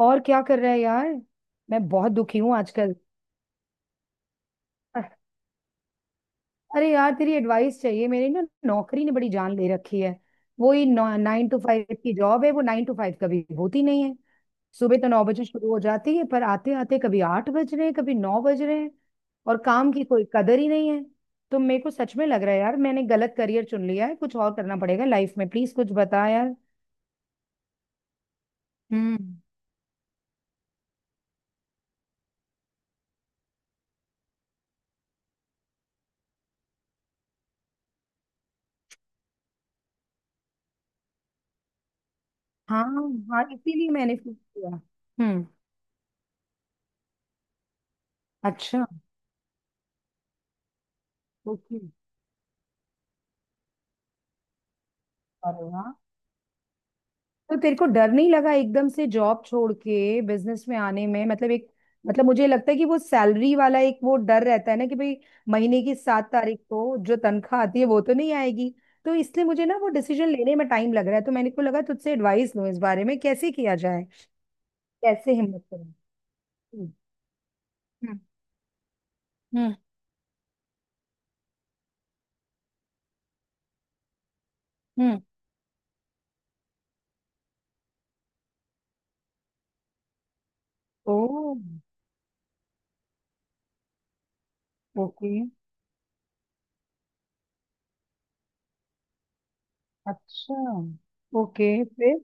और क्या कर रहा है यार। मैं बहुत दुखी हूँ आजकल। अ- अरे यार तेरी एडवाइस चाहिए मेरी ना। नौकरी ने बड़ी जान ले रखी है। वही 9 to 5 की जॉब है, वो 9 to 5 कभी होती नहीं है। सुबह तो 9 बजे शुरू हो जाती है, पर आते आते कभी 8 बज रहे हैं कभी 9 बज रहे हैं। और काम की कोई कदर ही नहीं है। तो मेरे को सच में लग रहा है यार, मैंने गलत करियर चुन लिया है, कुछ और करना पड़ेगा लाइफ में। प्लीज कुछ बता यार। हम्म। हाँ, हाँ इसीलिए मैंने फोन किया। हम्म। अच्छा। ओके। अरे वाह। तो तेरे को डर नहीं लगा एकदम से जॉब छोड़ के बिजनेस में आने में? मतलब एक, मतलब मुझे लगता है कि वो सैलरी वाला एक वो डर रहता है ना कि भाई महीने की 7 तारीख को जो तनख्वाह आती है वो तो नहीं आएगी। तो इसलिए मुझे ना वो डिसीजन लेने में टाइम लग रहा है, तो मैंने को लगा तुझसे एडवाइस लूं इस बारे में कैसे किया जाए, कैसे हिम्मत करूं। हम्म। हम्म। हम्म। हम्म। ओ। ओके। अच्छा। ओके फिर।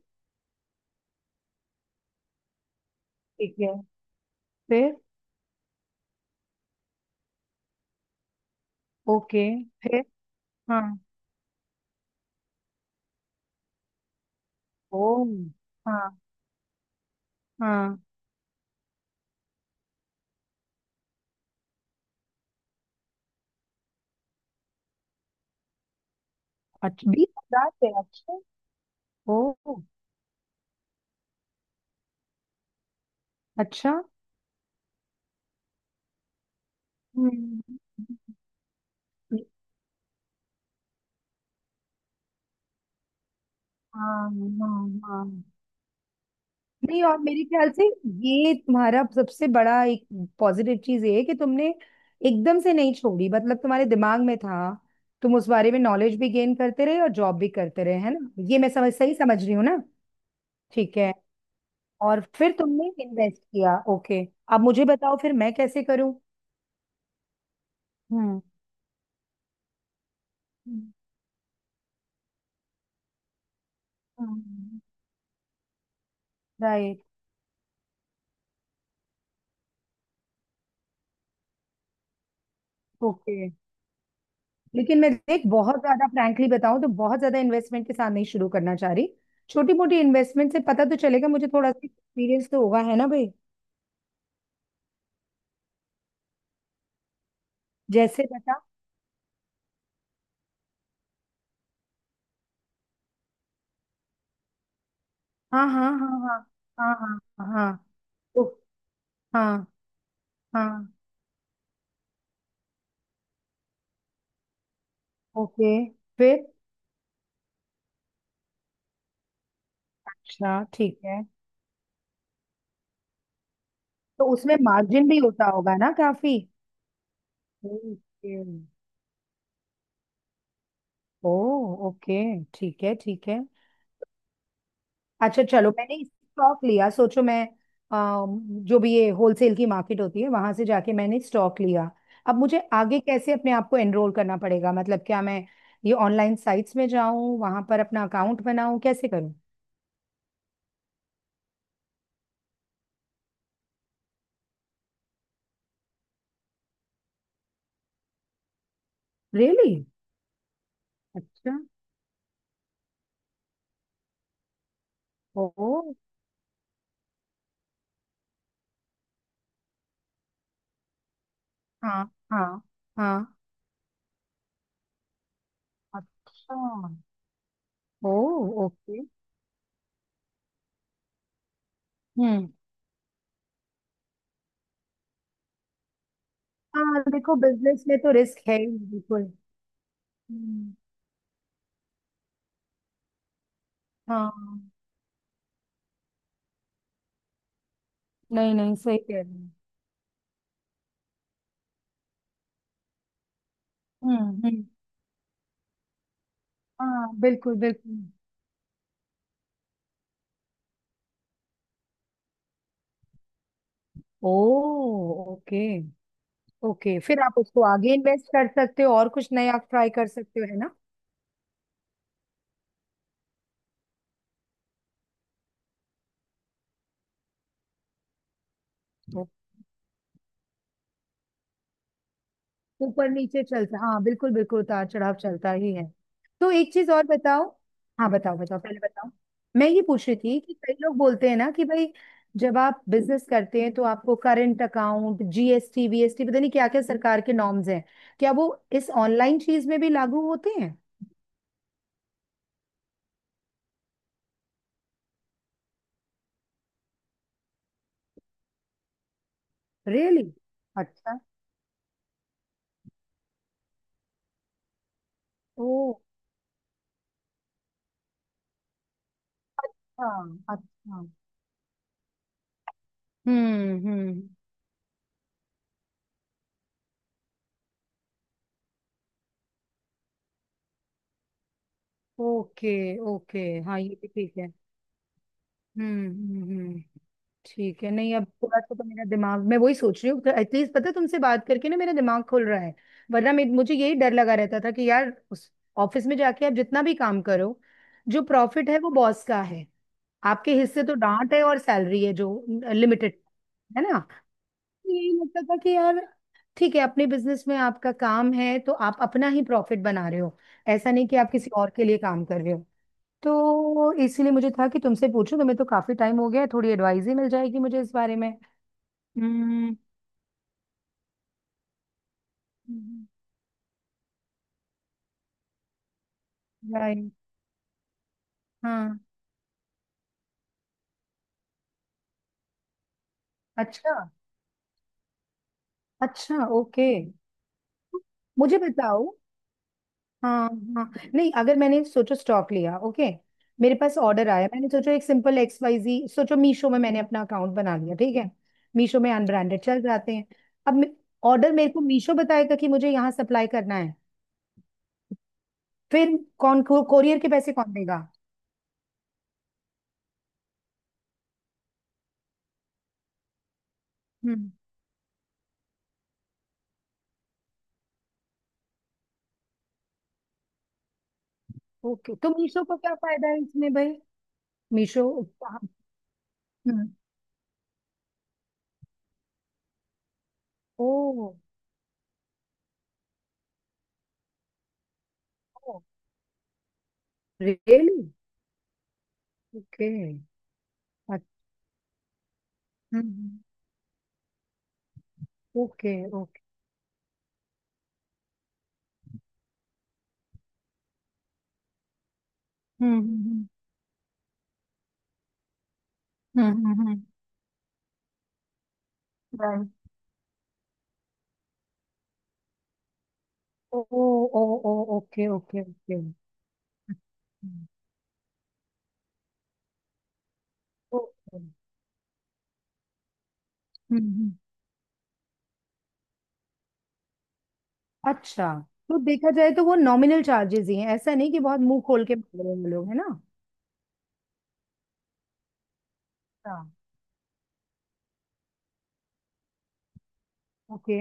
ठीक है। फिर। ओके फिर। हाँ। ओ। हाँ। हाँ। अच्छा, 20,000 पे? अच्छे। ओ। अच्छा। हम्म। हाँ। हाँ। हाँ नहीं, और मेरे ख्याल से ये तुम्हारा सबसे बड़ा एक पॉजिटिव चीज ये है कि तुमने एकदम से नहीं छोड़ी, मतलब तुम्हारे दिमाग में था। तुम उस बारे में नॉलेज भी गेन करते रहे और जॉब भी करते रहे, है ना? ये मैं समझ सही समझ रही हूँ ना? ठीक है। और फिर तुमने इन्वेस्ट किया। ओके। अब मुझे बताओ फिर मैं कैसे करूँ। हम्म। हम्म। हम्म। राइट। ओके। लेकिन मैं देख, बहुत ज्यादा फ्रैंकली बताऊं तो बहुत ज्यादा इन्वेस्टमेंट के साथ नहीं शुरू करना चाह रही। छोटी मोटी इन्वेस्टमेंट से पता तो चलेगा मुझे, थोड़ा सा एक्सपीरियंस तो होगा, है ना भाई? जैसे बता। हाँ हाँ हाँ। हाँ हाँ हाँ हाँ। ओ। हाँ। हाँ। ओके फिर। अच्छा ठीक है। तो उसमें मार्जिन भी होता होगा ना काफी? ओके। ओ। ओके। ठीक है ठीक है। अच्छा चलो, मैंने स्टॉक लिया सोचो मैं, अम, जो भी ये होलसेल की मार्केट होती है वहां से जाके मैंने स्टॉक लिया। अब मुझे आगे कैसे अपने आप को एनरोल करना पड़ेगा, मतलब क्या मैं ये ऑनलाइन साइट्स में जाऊं, वहां पर अपना अकाउंट बनाऊं, कैसे करूं? रियली? अच्छा। ओ। हाँ हाँ हाँ। अच्छा। ओ। ओके। हम्म। हाँ देखो, बिजनेस में तो रिस्क है ही बिल्कुल। हम्म। हाँ, नहीं नहीं सही कह रही हूँ। हम्म। हम्म। हाँ बिल्कुल बिल्कुल। ओ। ओके। ओके फिर आप उसको आगे इन्वेस्ट कर सकते हो और कुछ नया ट्राई कर सकते हो, है ना? ओ- ऊपर नीचे चलता, हाँ बिल्कुल बिल्कुल, उतार चढ़ाव चलता ही है। तो एक चीज और बताओ। हाँ बताओ बताओ, पहले बताओ। मैं ये पूछ रही थी कि कई लोग बोलते हैं ना कि भाई जब आप बिजनेस करते हैं तो आपको करंट अकाउंट, जीएसटी, वीएसटी, पता नहीं क्या क्या सरकार के नॉर्म्स हैं, क्या वो इस ऑनलाइन चीज में भी लागू होते हैं? रियली? अच्छा। ओ। हाँ। अच्छा। हम्म। हम्म। ओके। ओके। हाँ ये भी ठीक है। हम्म। हम्म। हम्म। ठीक है। नहीं, अब थोड़ा सा तो मेरा दिमाग, मैं वही सोच रही हूँ, एटलीस्ट पता है, तुमसे बात करके ना मेरा दिमाग खुल रहा है। वरना मुझे यही डर लगा रहता था कि यार उस ऑफिस में जाके आप जितना भी काम करो, जो प्रॉफिट है वो बॉस का है। आपके हिस्से तो डांट है और सैलरी है जो लिमिटेड, है ना? तो यही लगता था कि यार ठीक है, अपने बिजनेस में आपका काम है तो आप अपना ही प्रॉफिट बना रहे हो, ऐसा नहीं कि आप किसी और के लिए काम कर रहे हो। तो इसीलिए मुझे था कि तुमसे पूछूं, तुम्हें तो काफी टाइम हो गया है, थोड़ी एडवाइस ही मिल जाएगी मुझे इस बारे में। हम्म। राइट। हाँ। अच्छा। अच्छा। ओके। मुझे बताओ। हाँ। हाँ नहीं, अगर मैंने सोचो स्टॉक लिया, ओके, मेरे पास ऑर्डर आया, मैंने सोचो एक सिंपल एक्स वाई जी, सोचो मीशो में मैंने अपना अकाउंट बना लिया, ठीक है, मीशो में अनब्रांडेड चल जाते हैं। अब ऑर्डर मेरे को मीशो बताएगा कि मुझे यहाँ सप्लाई करना है। फिर कोरियर के पैसे कौन देगा? हम्म। ओके, तो मीशो को क्या फायदा है इसमें भाई? मीशो कहाँ- हम्म। ओ। रियली? ओके। अच्छा। हम्म। ओके। ओके। हम्म हम्म हम्म हम्म हम्म। Oh. Oh. Oh. Okay okay okay. हम्म। ओके। हम्म। हम्म। अच्छा तो देखा जाए तो वो नॉमिनल चार्जेस ही हैं, ऐसा नहीं कि बहुत मुंह खोल के बोल रहे हैं लोग, है ना? हाँ। ओके।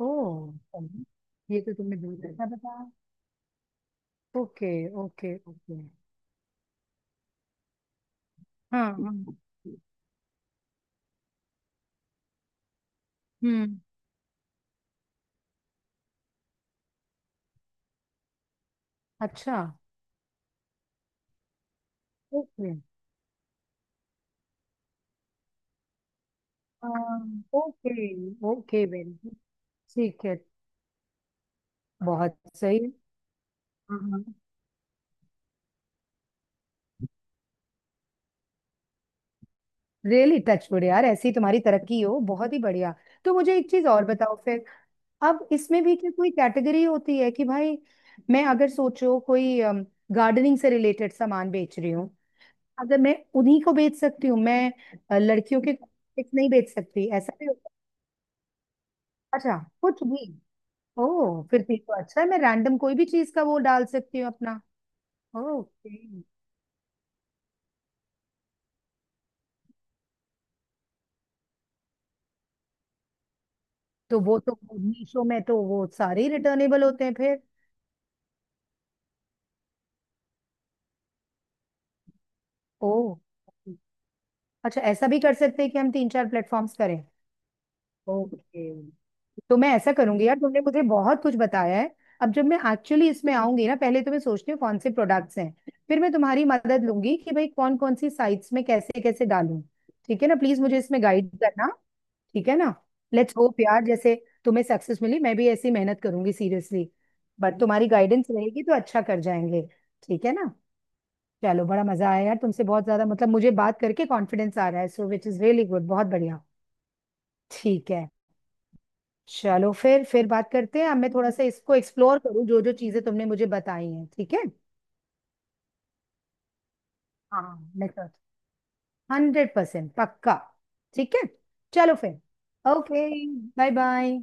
ओ। चलो, ये तो तुमने बहुत अच्छा बताया। Okay okay okay. हाँ। हाँ। हम्म। अच्छा। ओके। हाँ। Okay okay very good. ठीक है। बहुत सही। रियली टचवुड यार, ऐसी तुम्हारी तरक्की हो, बहुत ही बढ़िया। तो मुझे एक चीज और बताओ फिर। अब इसमें भी क्या कोई कैटेगरी होती है, कि भाई मैं अगर सोचो कोई गार्डनिंग से रिलेटेड सामान बेच रही हूँ, अगर मैं उन्हीं को बेच सकती हूँ मैं, लड़कियों के कॉस्मेटिक्स नहीं बेच सकती, ऐसा भी होता है? अच्छा, कुछ भी? ओ। फिर ठीक, तो अच्छा है, मैं रैंडम कोई भी चीज का वो डाल सकती हूँ अपना। ओके। तो वो तो मीशो में तो वो सारे ही रिटर्नेबल होते हैं फिर। ओ। अच्छा, ऐसा भी कर सकते हैं कि हम तीन चार प्लेटफॉर्म्स करें? ओके। तो मैं ऐसा करूंगी यार, तुमने मुझे बहुत कुछ बताया है। अब जब मैं एक्चुअली इसमें आऊंगी ना, पहले तो मैं सोचती हूँ कौन से प्रोडक्ट्स हैं, फिर मैं तुम्हारी मदद लूंगी कि भाई कौन कौन सी साइट्स में कैसे कैसे डालूं। ठीक है ना, प्लीज मुझे इसमें गाइड करना। ठीक है ना? लेट्स होप यार, जैसे तुम्हें सक्सेस मिली, मैं भी ऐसी मेहनत करूंगी सीरियसली, बट तुम्हारी गाइडेंस रहेगी तो अच्छा कर जाएंगे। ठीक है ना? चलो, बड़ा मजा आया यार, तुमसे बहुत ज्यादा मतलब मुझे बात करके कॉन्फिडेंस आ रहा है, so which is really good, बहुत बढ़िया। ठीक है। चलो फिर बात करते हैं। अब मैं थोड़ा सा इसको एक्सप्लोर करूँ, जो जो चीजें तुमने मुझे बताई हैं। ठीक है। हाँ मैं कर, 100% पक्का। ठीक है। चलो फिर। ओके। Bye bye.